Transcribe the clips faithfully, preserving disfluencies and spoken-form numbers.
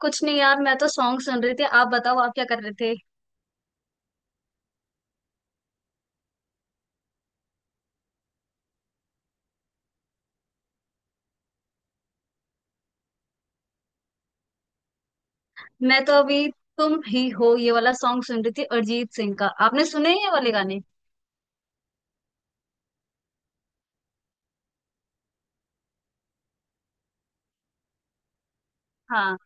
कुछ नहीं यार। मैं तो सॉन्ग सुन रही थी। आप बताओ, आप क्या कर रहे थे। मैं तो अभी तुम ही हो ये वाला सॉन्ग सुन रही थी, अरिजीत सिंह का। आपने सुने हैं ये वाले गाने? हाँ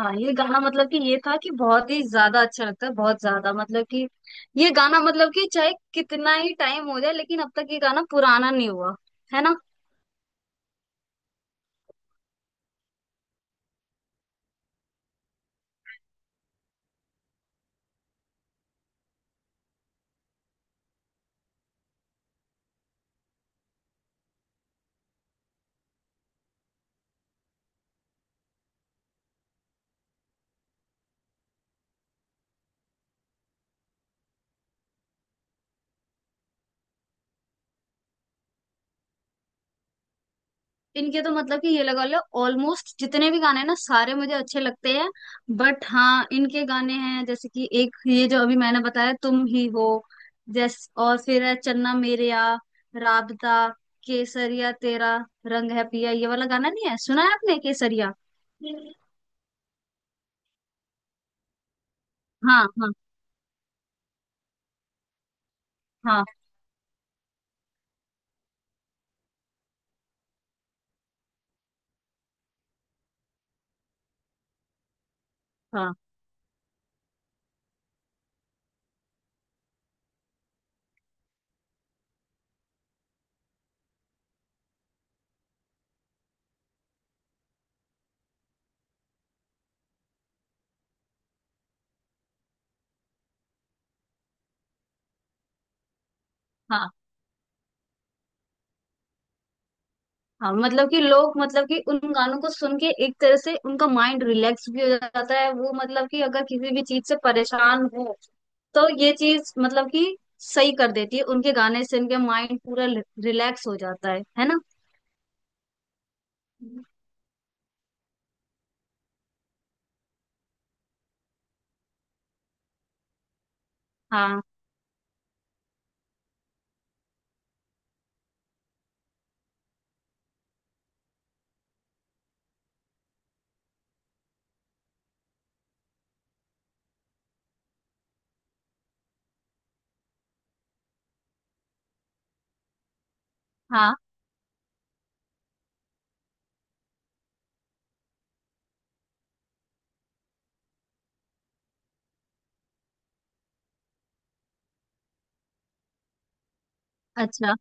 हाँ ये गाना मतलब कि ये था कि बहुत ही ज्यादा अच्छा लगता है, बहुत ज्यादा। मतलब कि ये गाना मतलब कि चाहे कितना ही टाइम हो जाए, लेकिन अब तक ये गाना पुराना नहीं हुआ, है ना। इनके तो मतलब कि ये लगा लो ऑलमोस्ट जितने भी गाने हैं ना, सारे मुझे अच्छे लगते हैं। बट हाँ, इनके गाने हैं जैसे कि एक ये जो अभी मैंने बताया, तुम ही हो। जैस और फिर है चन्ना मेरेया, राबता, केसरिया तेरा रंग है पिया। ये वाला गाना नहीं है, सुना है आपने? केसरिया। हाँ हाँ हाँ हाँ हाँ हाँ मतलब कि लोग मतलब कि उन गानों को सुन के एक तरह से उनका माइंड रिलैक्स भी हो जाता है। वो मतलब कि अगर किसी भी चीज से परेशान हो, तो ये चीज मतलब कि सही कर देती है। उनके गाने से उनके माइंड पूरा रिलैक्स हो जाता है है ना। हाँ हाँ अच्छा।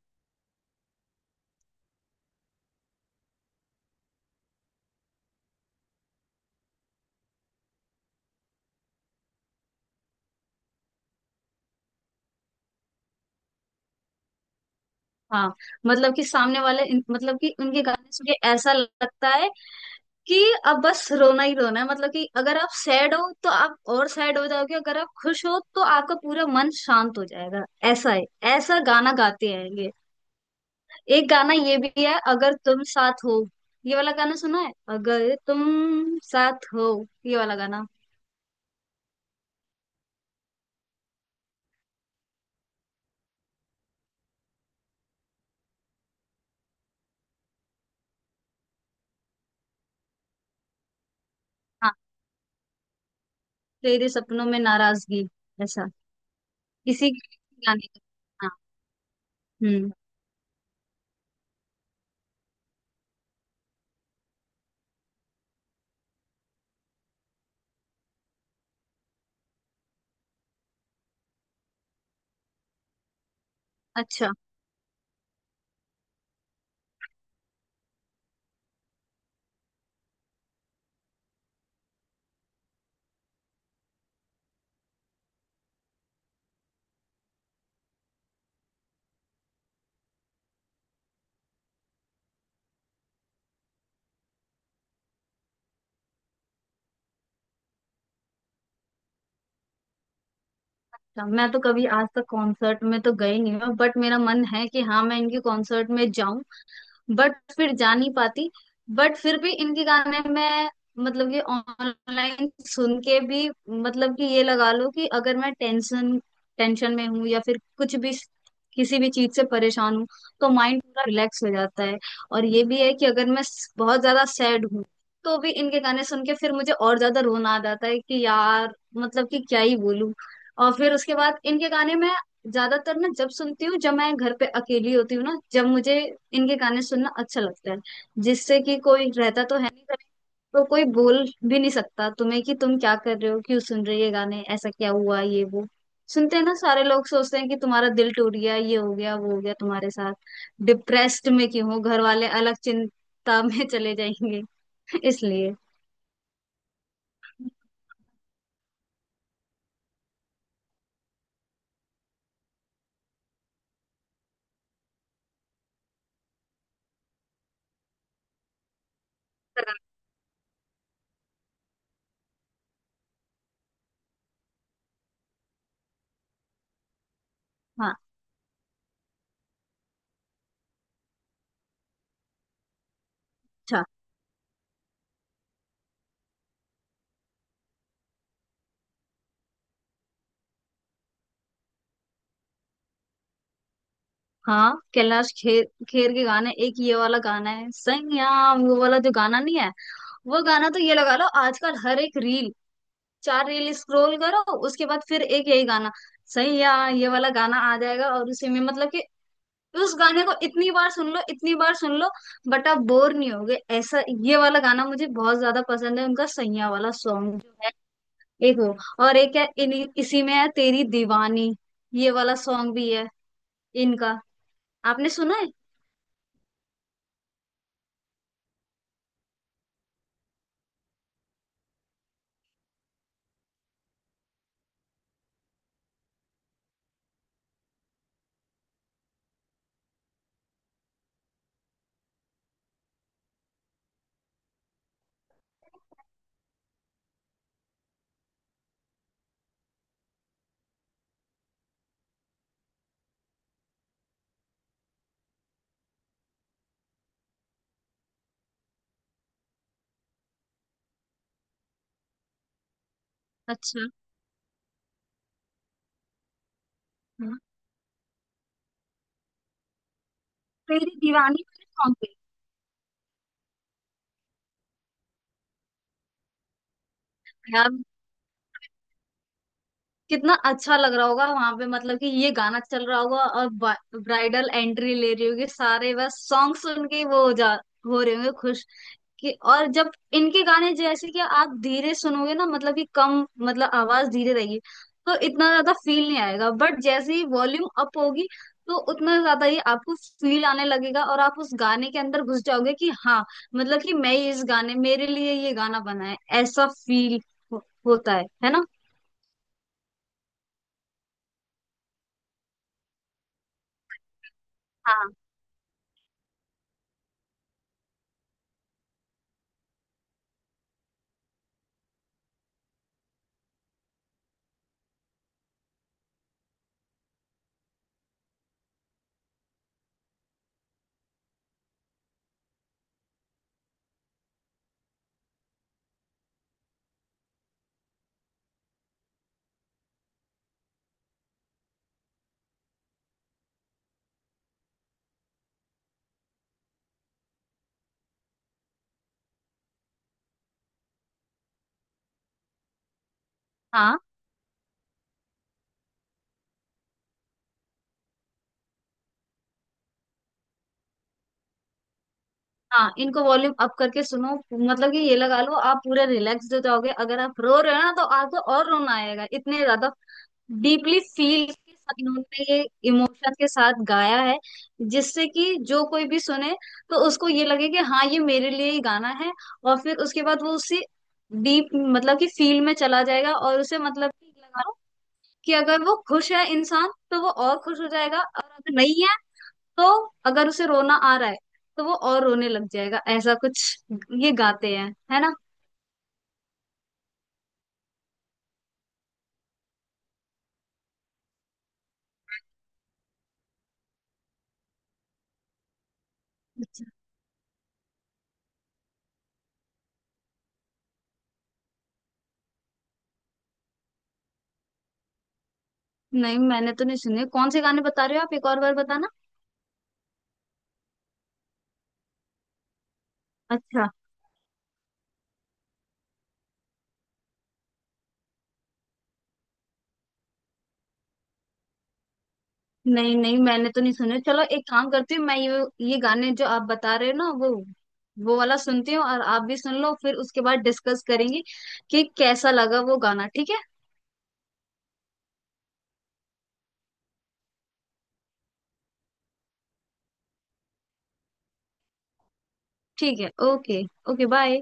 हाँ, मतलब कि सामने वाले इन- मतलब कि उनके गाने सुन के ऐसा लगता है कि अब बस रोना ही रोना है। मतलब कि अगर आप सैड हो तो आप और सैड हो जाओगे, अगर आप खुश हो तो आपका पूरा मन शांत हो जाएगा। ऐसा है। ऐसा गाना गाते हैं ये। एक गाना ये भी है, अगर तुम साथ हो। ये वाला गाना सुना है, अगर तुम साथ हो? ये वाला गाना। हाँ, तेरे सपनों में नाराजगी, ऐसा। इसी गाने का। हाँ। हम्म। अच्छा। अच्छा, मैं तो कभी आज तक कॉन्सर्ट में तो गई नहीं हूँ। बट मेरा मन है कि हाँ मैं इनके कॉन्सर्ट में जाऊं, बट फिर जा नहीं पाती। बट फिर भी इनके गाने में मतलब कि ऑनलाइन सुन के भी मतलब कि ये लगा लो कि अगर मैं टेंशन टेंशन में हूँ या फिर कुछ भी किसी भी चीज से परेशान हूँ, तो माइंड पूरा रिलैक्स हो जाता है। और ये भी है कि अगर मैं स- बहुत ज्यादा सैड हूँ तो भी इनके गाने सुन के फिर मुझे और ज्यादा रोना आ जाता है कि यार मतलब कि क्या ही बोलूं। और फिर उसके बाद इनके गाने में ज्यादातर ना जब सुनती हूँ, जब मैं घर पे अकेली होती हूँ ना, जब मुझे इनके गाने सुनना अच्छा लगता है। जिससे कि कोई रहता तो है नहीं घर में, तो कोई बोल भी नहीं सकता तुम्हें कि तुम क्या कर रहे हो, क्यों सुन रही है गाने, ऐसा क्या हुआ, ये वो सुनते हैं ना। सारे लोग सोचते हैं कि तुम्हारा दिल टूट गया, ये हो गया वो हो गया तुम्हारे साथ, डिप्रेस्ड में क्यों हो। घर वाले अलग चिंता में चले जाएंगे। इसलिए। हाँ। हाँ, कैलाश खेर खेर के गाने, एक ये वाला गाना है संयाम, वो वाला जो गाना नहीं है। वो गाना तो ये लगा लो आजकल हर एक रील, चार रील स्क्रॉल करो उसके बाद फिर एक यही गाना, सैया, ये वाला गाना आ जाएगा। और उसी में मतलब कि उस गाने को इतनी बार सुन लो, इतनी बार सुन लो बट आप बोर नहीं होगे, ऐसा ये वाला गाना मुझे बहुत ज्यादा पसंद है, उनका सैया वाला सॉन्ग जो है। एक वो, और एक है इन्हीं इसी में है, तेरी दीवानी। ये वाला सॉन्ग भी है इनका, आपने सुना है? अच्छा। हाँ। तेरी दीवानी वाले सॉन्ग पे? यार कितना अच्छा लग रहा होगा वहां पे। मतलब कि ये गाना चल रहा होगा और ब्राइडल एंट्री ले रही होगी, सारे बस सॉन्ग सुन के वो हो जा हो रहे होंगे खुश कि। और जब इनके गाने जैसे कि आप धीरे सुनोगे ना, मतलब कि कम मतलब आवाज धीरे रहेगी, तो इतना ज्यादा फील नहीं आएगा। बट जैसे ही वॉल्यूम अप होगी, तो उतना ज्यादा ही आपको फील आने लगेगा और आप उस गाने के अंदर घुस जाओगे कि हाँ मतलब कि मैं ही इस गाने, मेरे लिए ये गाना बना है, ऐसा फील हो, होता है है ना। हाँ हाँ हाँ, इनको वॉल्यूम अप करके सुनो मतलब कि ये लगा लो आप पूरे रिलैक्स हो जाओगे। अगर आप रो रहे हो ना तो आपको और रोना आएगा। इतने ज्यादा डीपली फील के साथ इन्होंने ये इमोशन के साथ गाया है, जिससे कि जो कोई भी सुने तो उसको ये लगे कि हाँ ये मेरे लिए ही गाना है। और फिर उसके बाद वो उसी डीप मतलब कि फील में चला जाएगा और उसे मतलब कि लगा लो कि अगर वो खुश है इंसान तो वो और खुश हो जाएगा, और अगर नहीं है तो, अगर उसे रोना आ रहा है तो वो और रोने लग जाएगा। ऐसा कुछ ये गाते हैं, है ना। अच्छा। नहीं मैंने तो नहीं सुने, कौन से गाने बता रहे हो आप, एक और बार बताना। अच्छा। नहीं नहीं मैंने तो नहीं सुने। चलो एक काम करती हूँ, मैं ये ये गाने जो आप बता रहे हो ना, वो वो वाला सुनती हूँ, और आप भी सुन लो। फिर उसके बाद डिस्कस करेंगे कि कैसा लगा वो गाना, ठीक है। ठीक है। ओके। Okay, bye.